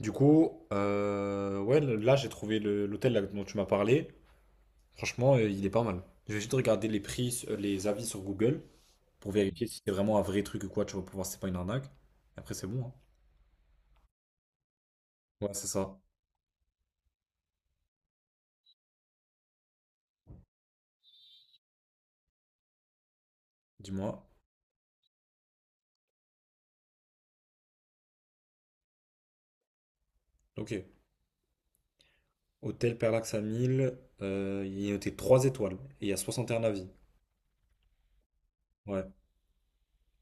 Du coup, ouais, là j'ai trouvé l'hôtel là dont tu m'as parlé. Franchement, il est pas mal. Je vais juste regarder les prix, les avis sur Google pour vérifier si c'est vraiment un vrai truc ou quoi. Tu vas pouvoir, c'est pas une arnaque. Après, c'est bon, hein. Ouais, c'est ça. Dis-moi. Ok. Hôtel Perlax à 1000, il est noté 3 étoiles et il y a 61 avis. Ouais.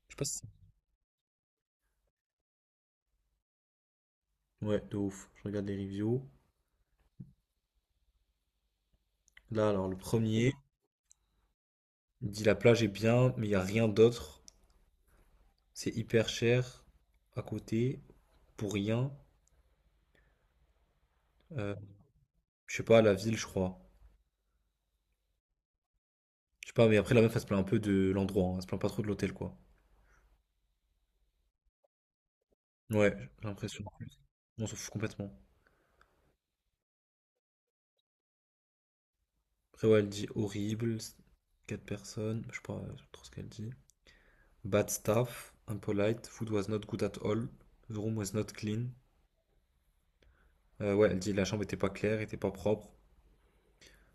Je sais pas si ouais, de ouf. Je regarde les reviews. Là, alors, le premier il dit la plage est bien, mais il n'y a rien d'autre. C'est hyper cher à côté, pour rien. Euh, Je sais pas, la ville, je crois. Je sais pas, mais après, la meuf, elle se plaint un peu de l'endroit, hein. Elle se plaint pas trop de l'hôtel, quoi. Ouais, j'ai l'impression. On s'en fout complètement. Après, ouais, elle dit horrible, quatre personnes, je sais pas trop ce qu'elle dit. Bad staff, impolite, food was not good at all, the room was not clean. Ouais, elle dit la chambre était pas claire, était pas propre.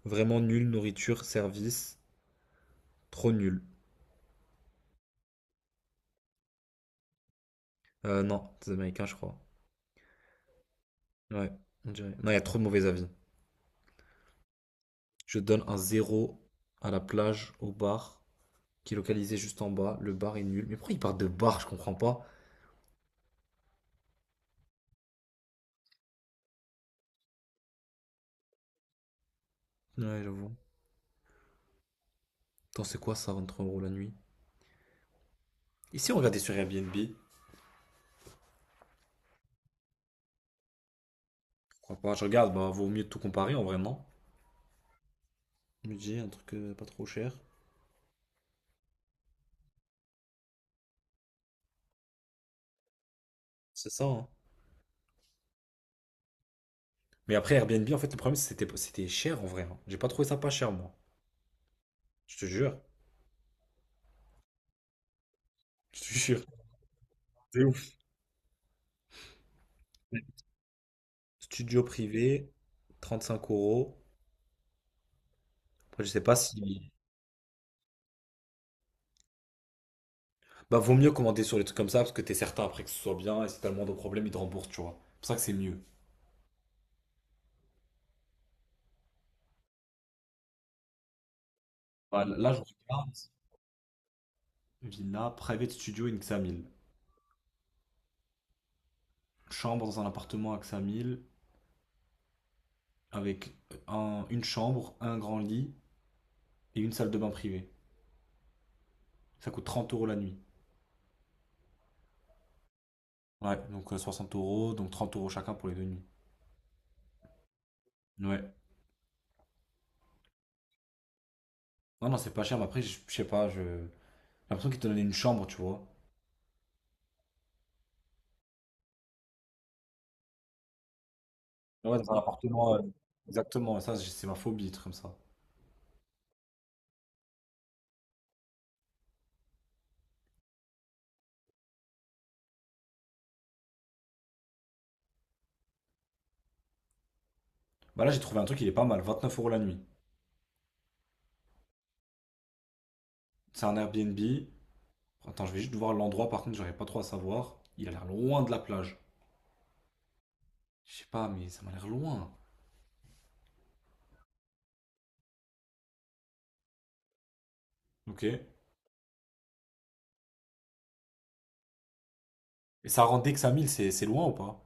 Vraiment nulle nourriture, service, trop nul. Non, c'est américain, je crois. Ouais, on dirait. Non, il y a trop de mauvais avis. Je donne un zéro à la plage, au bar, qui est localisé juste en bas. Le bar est nul. Mais pourquoi ils partent de bar. Je comprends pas. Ouais, j'avoue. Attends, c'est quoi ça, 23 euros la nuit. Et si on regardait sur Airbnb. Je crois pas. Je regarde, bah, vaut mieux tout comparer en vrai, non. Budget, un truc pas trop cher. C'est ça, hein. Mais après, Airbnb, en fait, le problème, c'était cher en vrai, hein. J'ai pas trouvé ça pas cher, moi. Je te jure. Je te jure. C'est ouf. Studio privé, 35 euros. Après, je sais pas si. Bah, vaut mieux commander sur les trucs comme ça parce que t'es certain après que ce soit bien et si t'as le moindre problème, ils te remboursent, tu vois. C'est pour ça que c'est mieux. Ouais, là, je regarde villa, private studio in Xamil. Chambre dans un appartement à Xamil avec une chambre, un grand lit et une salle de bain privée. Ça coûte 30 euros la nuit. Ouais, donc 60 euros, donc 30 euros chacun pour les 2 nuits. Ouais. Non, non, c'est pas cher, mais après, je sais pas, j'ai l'impression qu'ils te donnaient une chambre, tu vois. Ouais, dans un appartement. Exactement, ça, c'est ma phobie, des trucs comme ça. Bah là, j'ai trouvé un truc, il est pas mal, 29 euros la nuit. C'est un Airbnb. Attends, je vais juste voir l'endroit, par contre, j'aurais pas trop à savoir. Il a l'air loin de la plage. Je sais pas, mais ça m'a l'air loin. Ok, et ça rend dès que 5000, c'est loin ou pas?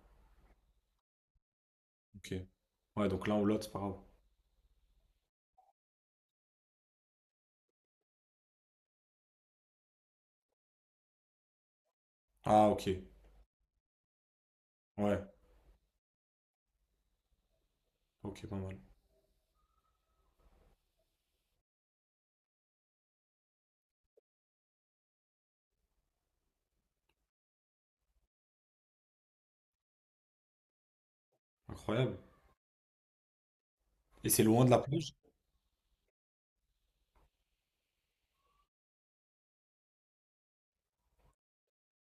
Ok. Ouais, donc là, on l'autre, c'est pas grave. Ah, ok. Ouais, ok, pas mal. Incroyable. Et c'est loin de la plage?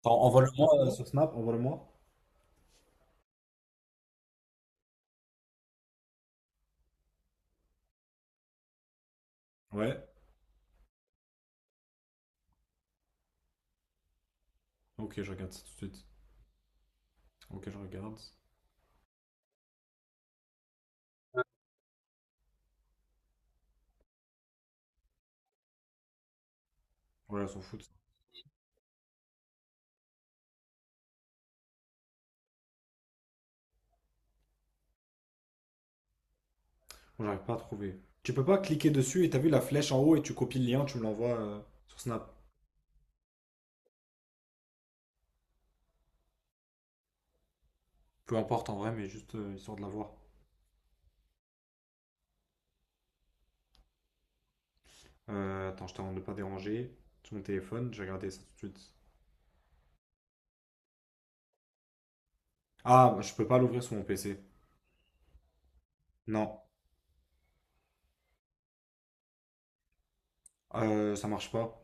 Attends, envoie-le-moi sur Snap, envoie-le-moi. Ouais, ok, je regarde ça tout de suite. Ok, je regarde. Ouais, elles s'en foutent. Moi, j'arrive pas à trouver. Tu peux pas cliquer dessus et t'as vu la flèche en haut et tu copies le lien, tu me l'envoies sur Snap. Peu importe en vrai, mais juste histoire de l'avoir. Attends, je t'en de pas déranger. Sur mon téléphone, j'ai regardé ça tout de suite. Ah, je peux pas l'ouvrir sur mon PC. Non, ça marche pas.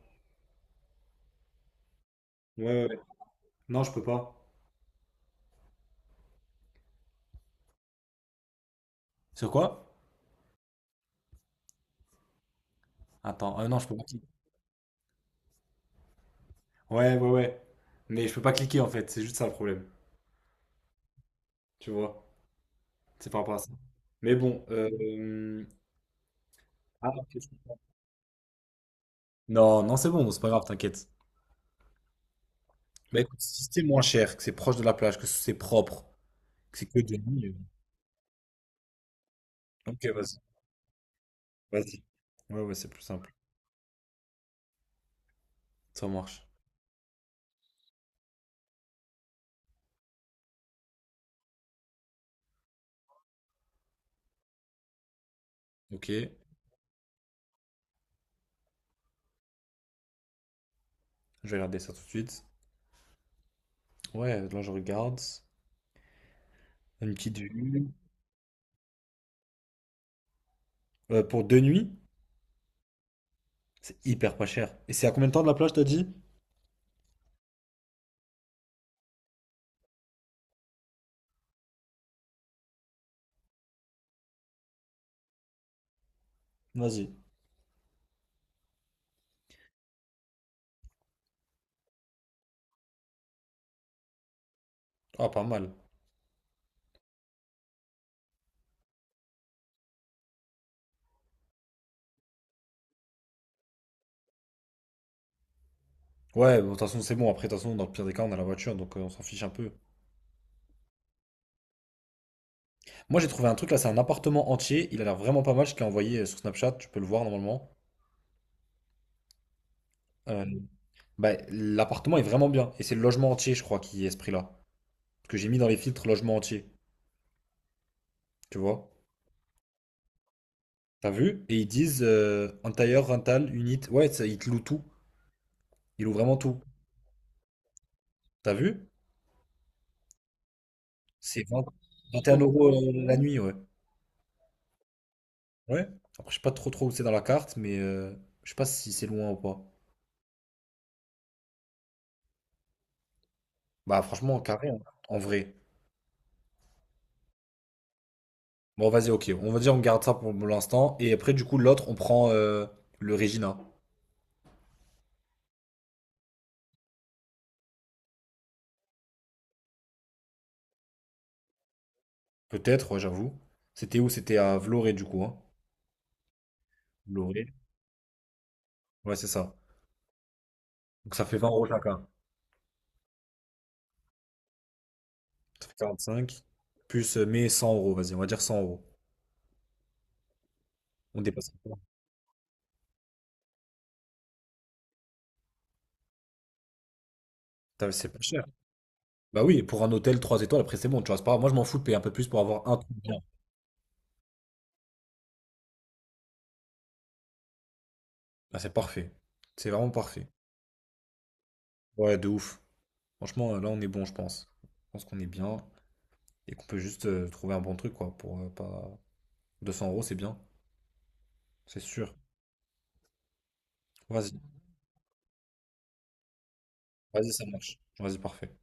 Ouais, ouais, ouais. Non, je peux pas. Sur quoi? Attends, non, je peux pas cliquer. Ouais, ouais, ouais. Mais je peux pas cliquer en fait, c'est juste ça le problème. Tu vois? C'est par rapport à ça. Mais bon. Ah, ok. Non, non, c'est bon, c'est pas grave, t'inquiète. Bah écoute, si c'est moins cher, que c'est proche de la plage, que c'est propre, que c'est que de nuit. Ok, vas-y, vas-y. Ouais, ouais, c'est plus simple. Ça marche. Ok, je vais regarder ça tout de suite. Ouais, là je regarde. Une petite vue. Pour 2 nuits, c'est hyper pas cher. Et c'est à combien de temps de la plage, t'as dit? Vas-y. Ah, pas mal. Ouais, bon, de toute façon, c'est bon. Après, de toute façon, dans le pire des cas, on a la voiture, donc on s'en fiche un peu. Moi, j'ai trouvé un truc là, c'est un appartement entier. Il a l'air vraiment pas mal. Je te l'ai envoyé sur Snapchat, tu peux le voir normalement. Euh, bah, l'appartement est vraiment bien. Et c'est le logement entier, je crois, qui est ce prix-là. Parce que j'ai mis dans les filtres logement entier. Tu vois? T'as vu? Et ils disent entire, rental, unit. Ouais, ça, ils te louent tout. Ils louent vraiment tout. T'as vu? C'est 20. 21 euros la nuit, ouais. Ouais. Après, je sais pas trop trop où c'est dans la carte, mais je sais pas si c'est loin ou pas. Bah franchement, carré, hein, en vrai. Bon, vas-y, ok. On va dire on garde ça pour l'instant. Et après, du coup, l'autre, on prend le Regina. Peut-être, ouais, j'avoue. C'était où? C'était à Vloré, du coup, hein. Vloré. Ouais, c'est ça. Donc ça fait 20 euros chacun. Ça fait 45. Plus, mais 100 euros, vas-y, on va dire 100 euros. On dépasse pas. Putain, mais c'est pas cher. Bah oui, pour un hôtel 3 étoiles, après c'est bon, tu vois, c'est pas grave. Moi, je m'en fous de payer un peu plus pour avoir un truc bien. Ah, c'est parfait. C'est vraiment parfait. Ouais, de ouf. Franchement, là, on est bon, je pense. Je pense qu'on est bien et qu'on peut juste trouver un bon truc, quoi, pour pas... 200 euros, c'est bien, c'est sûr. Vas-y, vas-y, ça marche. Vas-y, parfait.